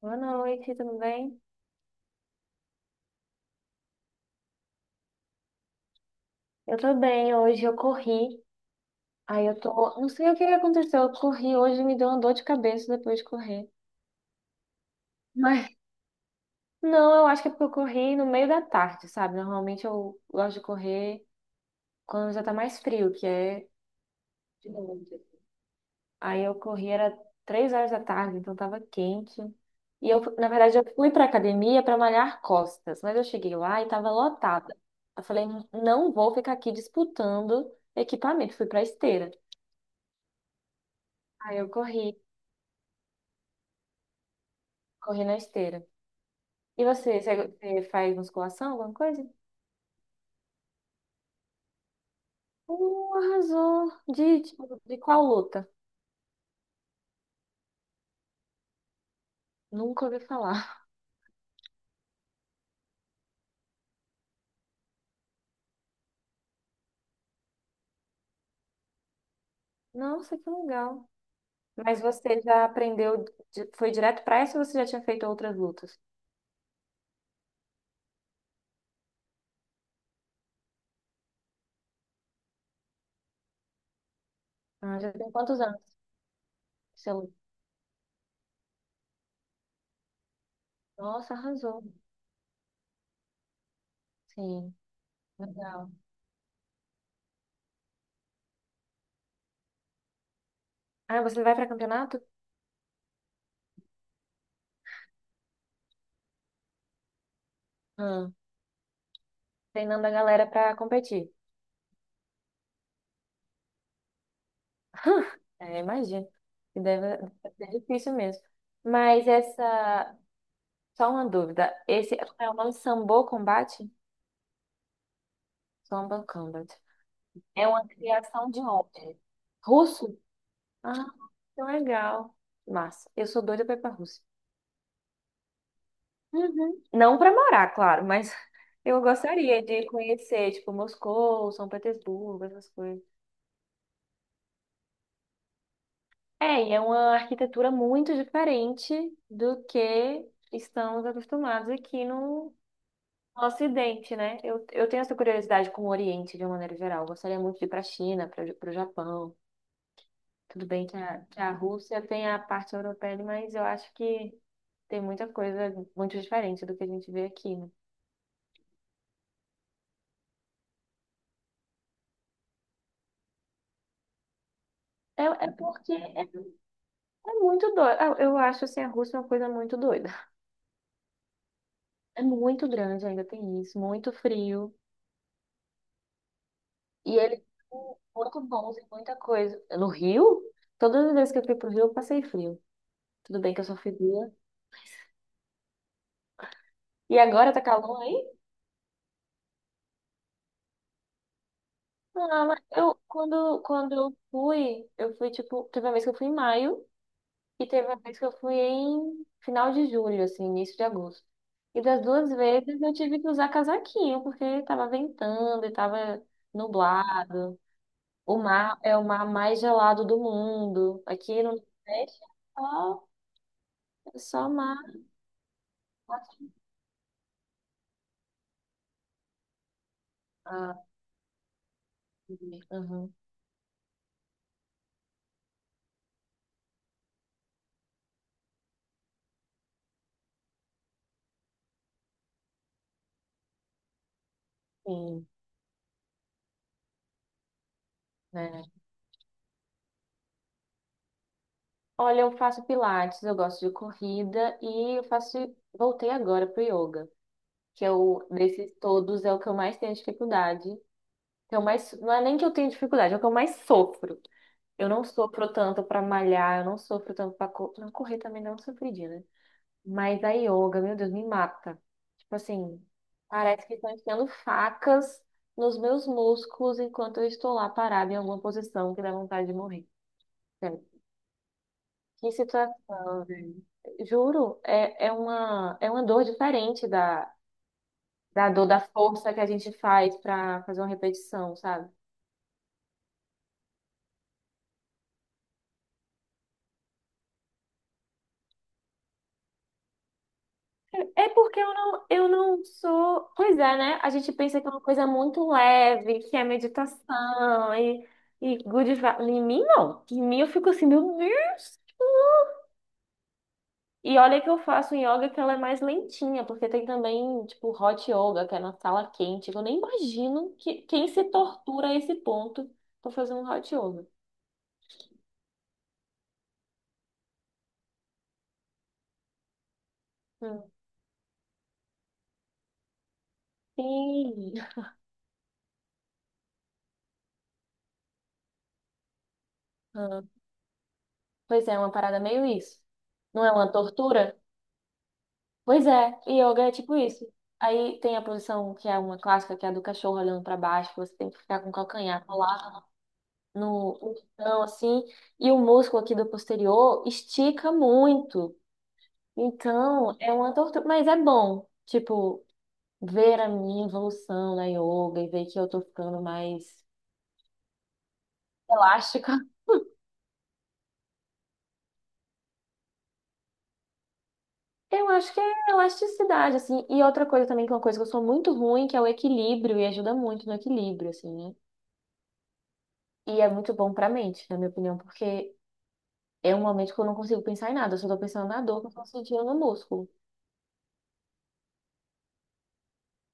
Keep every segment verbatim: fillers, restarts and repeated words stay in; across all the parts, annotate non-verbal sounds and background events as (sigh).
Boa noite, tudo bem? Eu tô bem, hoje eu corri. Aí eu tô. Não sei o que que aconteceu. Eu corri hoje e me deu uma dor de cabeça depois de correr. Mas não, eu acho que é porque eu corri no meio da tarde, sabe? Normalmente eu gosto de correr quando já tá mais frio, que é de noite. Aí eu corri, era três horas da tarde, então tava quente. E eu, na verdade, eu fui pra academia pra malhar costas, mas eu cheguei lá e tava lotada. Eu falei, não vou ficar aqui disputando equipamento. Fui pra esteira. Ah, eu corri, corri na esteira. E você, você você faz musculação, alguma coisa? Uh, arrasou. De, tipo, de qual luta? Nunca ouvi falar. Nossa, que legal. Mas você já aprendeu, di- foi direto pra essa ou você já tinha feito outras lutas? Ah, já tem quantos anos que você luta? Nossa, arrasou. Sim, legal. Ah, você vai pra campeonato? Ah, treinando a galera pra competir. (laughs) É, imagino que deve, deve ser difícil mesmo. Mas essa, Só uma dúvida. Esse, como é o nome? Sambo Combat? Sambo Combat. É uma criação de onde? Russo? Ah, que legal. Massa. Eu sou doida pra ir pra Rússia. Uhum. Não pra morar, claro, mas (laughs) eu gostaria de conhecer, tipo, Moscou, São Petersburgo, essas coisas. É, e é uma arquitetura muito diferente do que estamos acostumados aqui no, o Ocidente, né? Eu, eu tenho essa curiosidade com o Oriente de uma maneira geral. Eu gostaria muito de ir para a China, para o Japão. Tudo bem que a, que a Rússia tem a parte europeia, mas eu acho que tem muita coisa muito diferente do que a gente vê aqui, né? É, é porque é, é muito doido. Eu eu acho assim, a Rússia é uma coisa muito doida. É muito grande, ainda tem isso, muito frio. E eles são muito bons em muita coisa. No Rio, todas as vezes que eu fui pro Rio, eu passei frio. Tudo bem que eu sou fria. E agora tá calor aí? Ah, mas eu, quando, quando eu fui, eu fui, tipo, teve uma vez que eu fui em maio e teve uma vez que eu fui em final de julho, assim, início de agosto. E das duas vezes eu tive que usar casaquinho, porque tava ventando e tava nublado. O mar é o mar mais gelado do mundo. Aqui no Nordeste é só, é só mar. Ah, entendi. Uhum, sim, né? Olha, eu faço pilates, eu gosto de corrida e eu faço, voltei agora pro yoga. Que eu, desses todos, é o que eu mais tenho dificuldade. Que eu mais, não é nem que eu tenho dificuldade, é o que eu mais sofro. Eu não sofro tanto pra malhar, eu não sofro tanto pra, co- pra correr também, não sofri, né? Mas a yoga, meu Deus, me mata. Tipo assim, parece que estão enfiando facas nos meus músculos enquanto eu estou lá parada em alguma posição que dá vontade de morrer. Sério. Que situação, velho. Juro, é, é uma, é uma dor diferente da, da dor, da força que a gente faz pra fazer uma repetição, sabe? É porque eu não, eu não sou. Pois é, né? A gente pensa que é uma coisa muito leve, que é meditação e, e good vibes. Em mim, não. Em mim, eu fico assim, meu Deus. E olha que eu faço um yoga que ela é mais lentinha, porque tem também, tipo, hot yoga, que é na sala quente. Eu nem imagino que, quem se tortura a esse ponto pra fazer um hot yoga. Hum. Sim. Hum. Pois é, é uma parada meio isso. Não é uma tortura? Pois é, e yoga é tipo isso. Aí tem a posição que é uma clássica, que é a do cachorro olhando pra baixo, que você tem que ficar com o calcanhar colado no no chão, assim, e o músculo aqui do posterior estica muito. Então, é uma tortura, mas é bom, tipo, ver a minha evolução na yoga e ver que eu tô ficando mais elástica. (laughs) Eu acho que é elasticidade, assim. E outra coisa também, que é uma coisa que eu sou muito ruim, que é o equilíbrio, e ajuda muito no equilíbrio, assim, né? E é muito bom pra mente, na minha opinião, porque é um momento que eu não consigo pensar em nada, eu só tô pensando na dor que eu tô sentindo no músculo.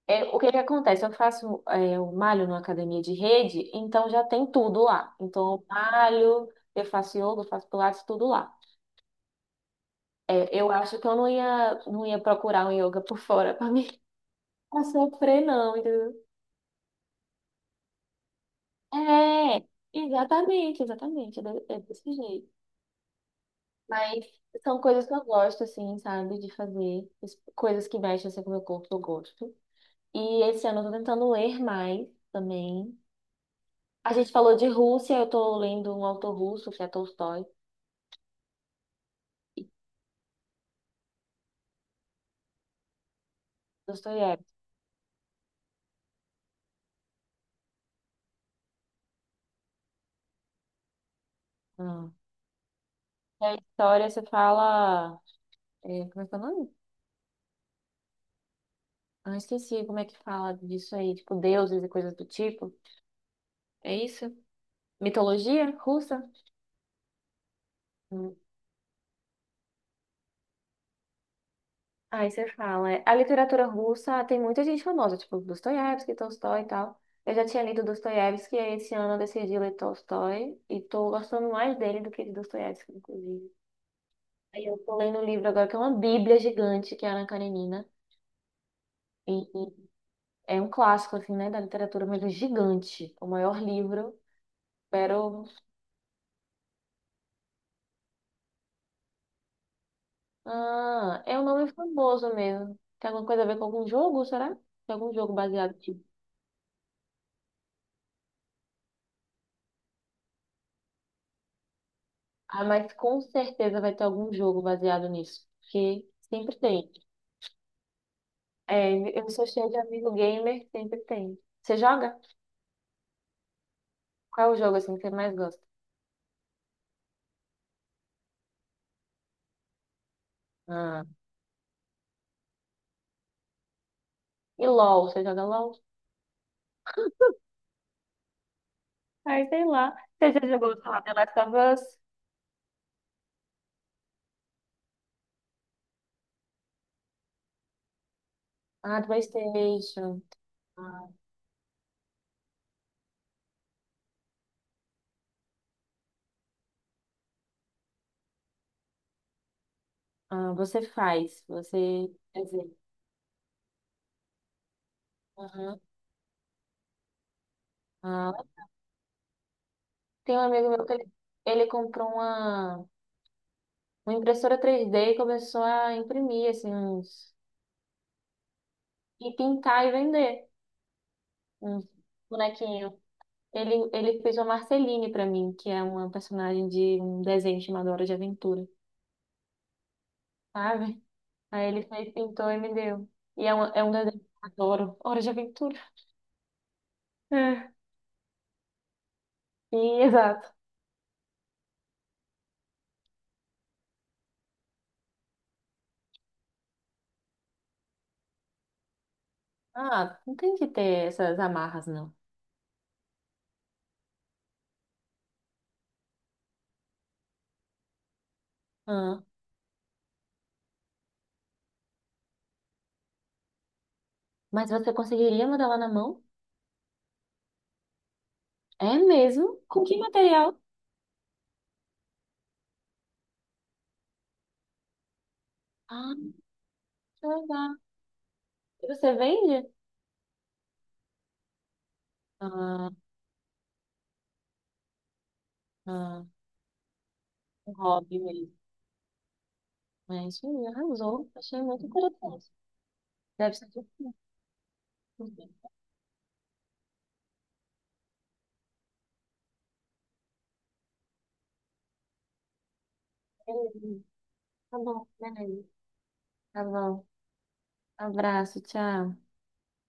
É, o que que acontece? Eu faço, é, eu malho numa academia de rede, então já tem tudo lá. Então eu malho, eu faço yoga, eu faço pilates, tudo lá. É, eu acho que eu não ia, não ia procurar um yoga por fora pra mim (laughs) pra sofrer, não, entendeu? É, exatamente, exatamente, é de- é desse jeito. Mas são coisas que eu gosto, assim, sabe, de fazer. Es- Coisas que mexem assim, com o meu corpo, eu gosto. E esse ano eu tô tentando ler mais também. A gente falou de Rússia, eu tô lendo um autor russo, que é Tolstói. Dostoiévski. Ah. E a história, você fala, é, como é que é o nome? Ah, esqueci como é que fala disso aí. Tipo, deuses e coisas do tipo. É isso? Mitologia russa? Aí você fala, é, a literatura russa tem muita gente famosa, tipo Dostoiévski, Tolstói e tal. Eu já tinha lido Dostoiévski e aí esse ano eu decidi ler Tolstói e tô gostando mais dele do que de Dostoiévski, inclusive. Aí eu tô lendo um livro agora que é uma bíblia gigante, que é Ana Karenina. E, e é um clássico, assim, né, da literatura, mas é gigante. O maior livro, pero... Ah, é um nome famoso mesmo. Tem alguma coisa a ver com algum jogo, será? Tem algum jogo baseado nisso? Ah, mas com certeza vai ter algum jogo baseado nisso, porque sempre tem. É, eu sou cheia de amigo gamer, sempre tem. Você joga? Qual é o jogo assim que você mais gosta? Ah, e LOL, você joga LOL? Ah, sei lá. Você já jogou, sei lá, The Last of Us? Ah, PlayStation. Ah, ah, você faz, você... Quer dizer, aham. Ah, tem um amigo meu que ele, ele comprou uma, uma impressora três D e começou a imprimir, assim, uns... E pintar e vender. Um bonequinho. Ele, ele fez uma Marceline pra mim, que é uma personagem de um desenho chamado Hora de Aventura, sabe? Aí ele fez, pintou e me deu. E é um, é um desenho que eu adoro. Hora de Aventura. É. E, exato. Ah, não tem que ter essas amarras, não. Ah, mas você conseguiria modelar na mão? É mesmo? Com que material? Ah, que legal. E você vende? Ah, ah, um hobby mesmo. É isso aí, arrasou. Achei muito interessante. Deve ser difícil, né? Beleza. Tá bom, beleza. Tá bom. Abraço, tchau.